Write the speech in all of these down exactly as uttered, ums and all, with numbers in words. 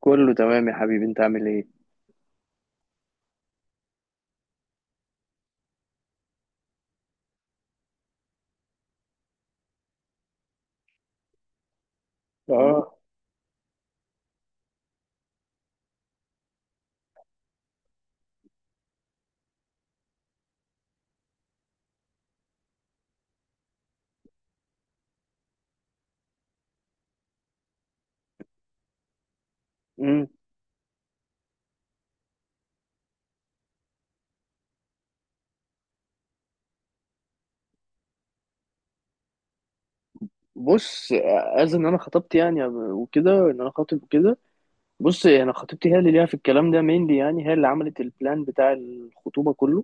كله تمام يا حبيبي انت عامل ايه. اه امم بص، از ان انا خطبت يعني وكده، ان انا خاطب وكده. بص، انا خطيبتي هي اللي ليها في الكلام ده مينلي، يعني هي اللي عملت البلان بتاع الخطوبه كله.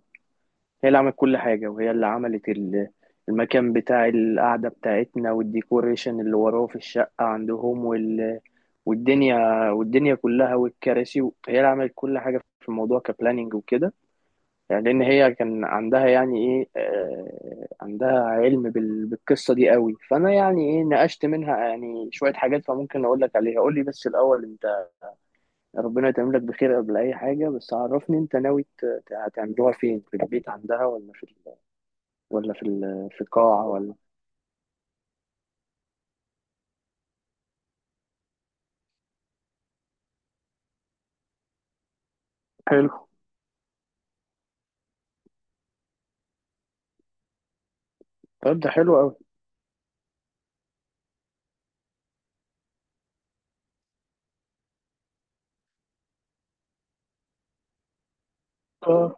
هي اللي عملت كل حاجه، وهي اللي عملت ال- المكان بتاع القعده بتاعتنا، والديكوريشن اللي وراه في الشقه عندهم، وال... والدنيا، والدنيا كلها، والكراسي. هي اللي عملت كل حاجه في الموضوع كبلاننج وكده. يعني لان هي كان عندها، يعني ايه آه، عندها علم بال- بالقصه دي قوي، فانا يعني ايه نقشت منها يعني شويه حاجات، فممكن اقول لك عليها. قول لي بس الاول انت، ربنا يتمم لك بخير قبل اي حاجه. بس عرفني انت ناوي ت- ت- هتعملوها فين، في البيت عندها ولا في ال- ولا في ال- في قاعه ولا؟ حلو، طب ده حلو قوي. اه.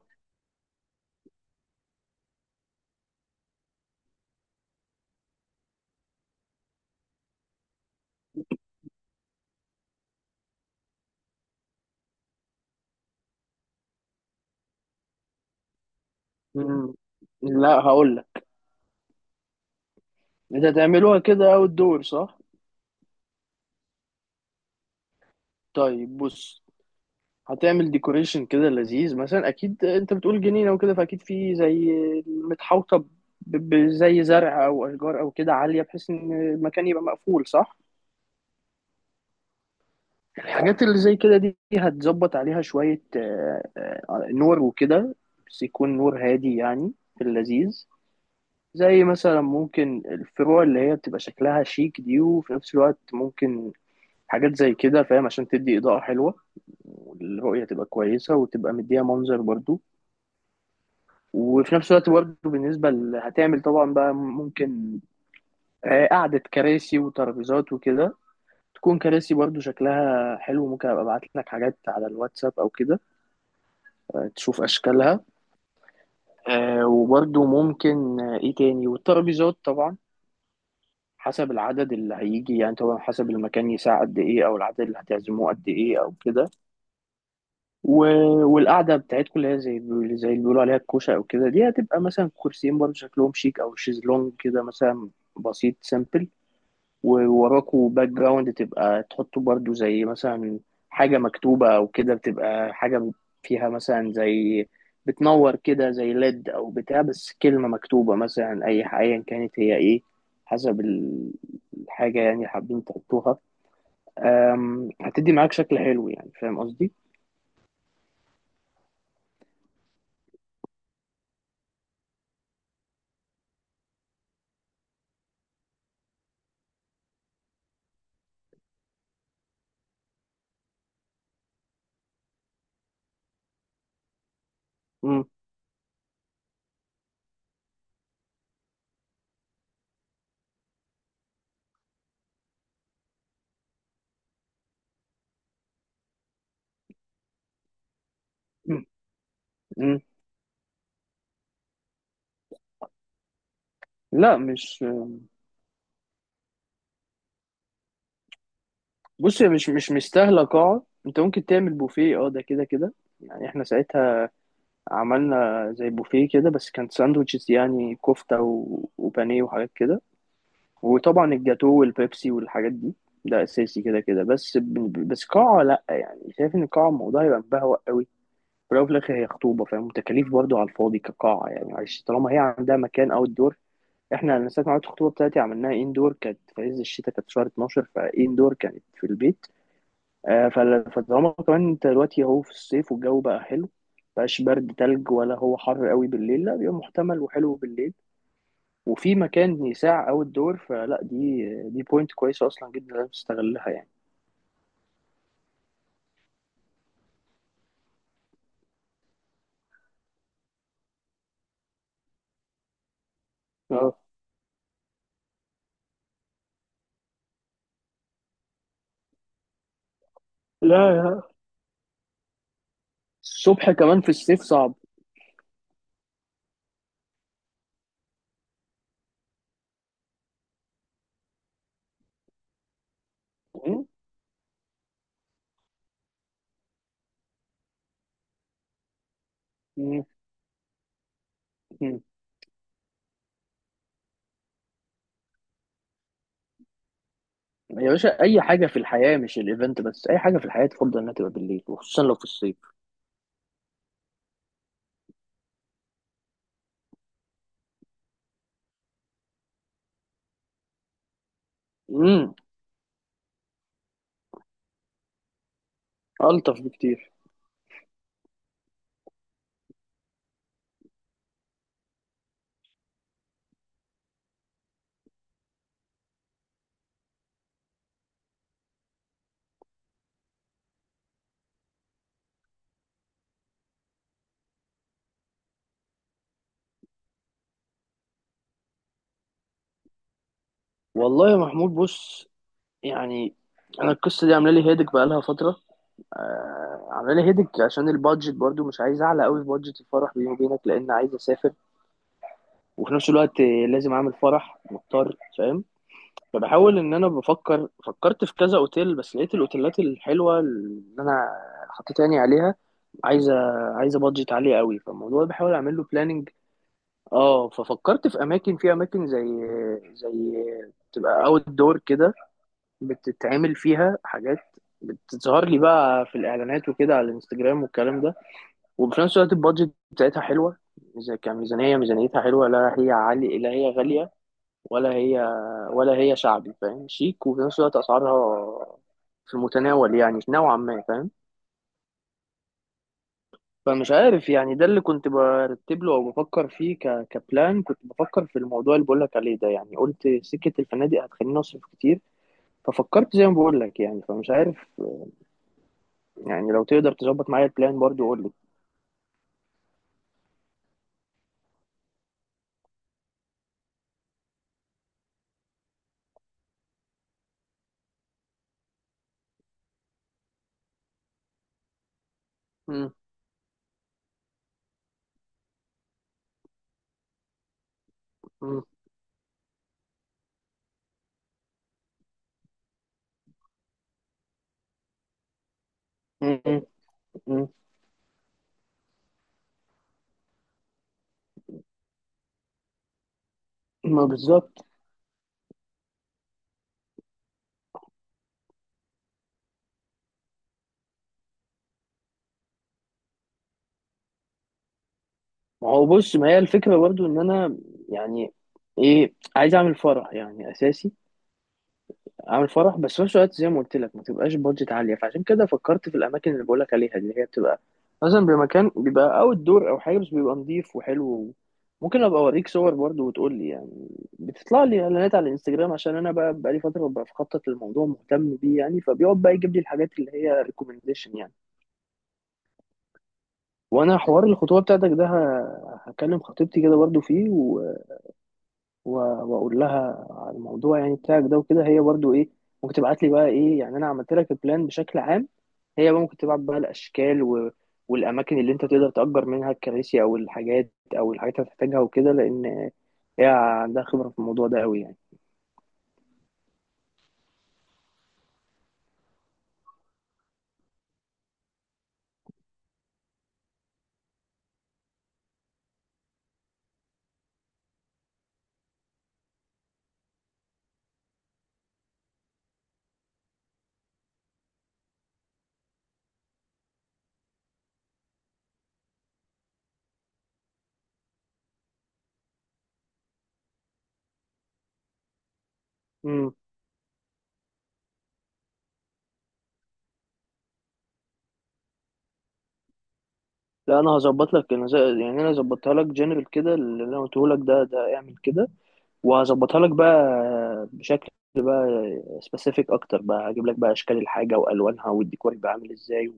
مم. لا هقول لك. انت هتعملوها كده اوت دور، صح؟ طيب بص، هتعمل ديكوريشن كده لذيذ، مثلا اكيد انت بتقول جنينه وكده، فاكيد في زي متحوطه ب- بزي زرع او اشجار او كده عاليه، بحيث ان المكان يبقى مقفول، صح؟ الحاجات اللي زي كده دي هتظبط عليها شويه آه، آه، نور وكده، بس يكون نور هادي يعني، في اللذيذ. زي مثلا ممكن الفروع اللي هي بتبقى شكلها شيك دي، وفي نفس الوقت ممكن حاجات زي كده، فاهم؟ عشان تدي إضاءة حلوة، والرؤية تبقى كويسة، وتبقى مديها منظر برضو. وفي نفس الوقت برضه بالنسبة ل- هتعمل طبعا بقى ممكن آه، قعدة كراسي وترابيزات وكده، تكون كراسي برضه شكلها حلو. ممكن ابقى ابعت لك حاجات على الواتساب او كده تشوف اشكالها. آه، وبرضه ممكن آه، ايه تاني، والترابيزات طبعا حسب العدد اللي هيجي. يعني طبعا حسب المكان يساع قد ايه، او العدد اللي هتعزموه قد ايه او كده. و... والقعده بتاعتكم اللي هي زي زي اللي بيقولوا عليها الكوشه او كده، دي هتبقى مثلا كرسيين برضه شكلهم شيك، او شيزلونج كده مثلا، بسيط سامبل. ووراكوا باك جراوند تبقى تحطوا برضو، زي مثلا حاجة مكتوبة أو كده، بتبقى حاجة فيها مثلا زي بتنور كده، زي ليد أو بتاع، بس كلمة مكتوبة مثلا، أي ح- أيا كانت هي إيه، حسب ال- الحاجة يعني اللي حابين تحطوها. أم، هتدي معاك شكل حلو، يعني فاهم قصدي؟ مم. مم. مم. لا مش، بص هي مش مش مستاهلة قاعة. أنت ممكن تعمل بوفيه، أه ده كده كده. يعني إحنا ساعتها عملنا زي بوفيه كده، بس كان ساندوتشز، يعني كفتة و- وبانيه وحاجات كده، وطبعا الجاتو والبيبسي والحاجات دي، ده أساسي كده كده. بس ب- بس قاعة لأ، يعني شايف إن القاعة الموضوع يبقى مبهوأ قوي. في الأول وفي الآخر هي خطوبة، فاهم؟ وتكاليف برضه على الفاضي كقاعة، يعني معلش طالما هي عندها مكان أو الدور. إحنا أنا ساعة ما عملت الخطوبة بتاعتي عملناها إندور، كانت في عز الشتاء، كانت شهر اتناشر، فإندور كانت في البيت. آه، فل- فطالما كمان انت دلوقتي اهو في الصيف والجو بقى حلو، مبقاش برد تلج ولا هو حر قوي بالليل، لا بيبقى محتمل وحلو بالليل، وفي مكان يساع او الدور، فلا دي دي بوينت كويسه اصلا جدا، لازم تستغلها يعني. اه. لا لا، الصبح كمان في الصيف صعب. م- م- م. يا باشا، اي حاجه في الحياه، مش الايفنت بس، اي حاجه في الحياه تفضل انها تبقى بالليل، وخصوصا لو في الصيف. امم، الطف بكتير. والله يا محمود، بص يعني، انا القصه دي عامله لي هيدك بقالها فتره. آه، عامله لي هيدك عشان البادجت برضو، مش عايز اعلى قوي في بادجت الفرح بيني وبينك، لان عايز اسافر. وفي نفس الوقت آه، لازم اعمل فرح، مضطر، فاهم؟ فبحاول ان انا بفكر، فكرت في كذا اوتيل، بس لقيت الاوتيلات الحلوه اللي انا حطيت عيني عليها عايزه، عايزه بادجت عاليه قوي، فالموضوع ده بحاول اعمل له بلاننج. اه، ففكرت في اماكن، في اماكن زي زي تبقى اوت دور كده، بتتعمل فيها حاجات، بتظهر لي بقى في الاعلانات وكده على الانستجرام والكلام ده. وفي نفس الوقت البادجت بتاعتها حلوه، إذا كميزانيه ميزانيتها حلوه، لا هي عالية لا هي غاليه، ولا هي ولا هي شعبي فاهم، شيك، وفي نفس الوقت اسعارها في المتناول يعني نوعا ما، فاهم؟ فمش عارف يعني، ده اللي كنت برتب له او بفكر فيه ك... كبلان. كنت بفكر في الموضوع اللي بقول لك عليه ده يعني، قلت سكة الفنادق هتخليني اصرف كتير، ففكرت زي ما بقول لك يعني، فمش عارف. يعني لو تقدر تظبط معايا البلان برضو قول لي. مم. مم. مم. مم. ما بالظبط. ما هو بص، ما هي الفكرة برضو ان انا يعني ايه، عايز اعمل فرح يعني اساسي، اعمل فرح، بس في نفس الوقت زي ما قلت لك ما تبقاش بادجت عالية. فعشان كده فكرت في الاماكن اللي بقول لك عليها، اللي هي بتبقى مثلا بمكان بيبقى اوت دور او حاجة، بس بيبقى نظيف وحلو. ممكن ابقى اوريك صور برضو وتقول لي يعني، بتطلع لي اعلانات على الانستجرام عشان انا بقى بقالي فترة ببقى بخطط للموضوع، مهتم بيه يعني، فبيقعد بقى يجيب لي الحاجات اللي هي ريكومنديشن يعني. وانا حوار الخطوبة بتاعتك ده ه- هكلم خطيبتي كده برضو فيه، و- واقول لها على الموضوع يعني بتاعك ده وكده، هي برضو ايه، ممكن تبعت لي بقى ايه، يعني انا عملت لك البلان بشكل عام، هي بقى ممكن تبعت بقى الاشكال و... والاماكن اللي انت تقدر تأجر منها الكراسي او الحاجات، او الحاجات اللي هتحتاجها وكده، لان هي عندها خبرة في الموضوع ده قوي يعني. امم، لا انا هظبط لك، انا زي... يعني انا ظبطها لك جنرال كده اللي انا قلته لك ده، ده اعمل كده، وهظبطها لك بقى بشكل بقى سبيسيفيك اكتر بقى. هجيب لك بقى اشكال الحاجه والوانها، والديكور هيبقى عامل ازاي و...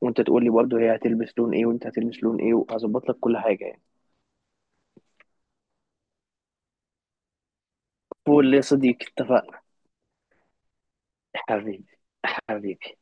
وانت تقول لي برضه هي هتلبس لون ايه وانت هتلبس لون ايه، وهظبط لك كل حاجه يعني. قول لي يا صديقي، اتفقنا؟ حبيبي، حبيبي.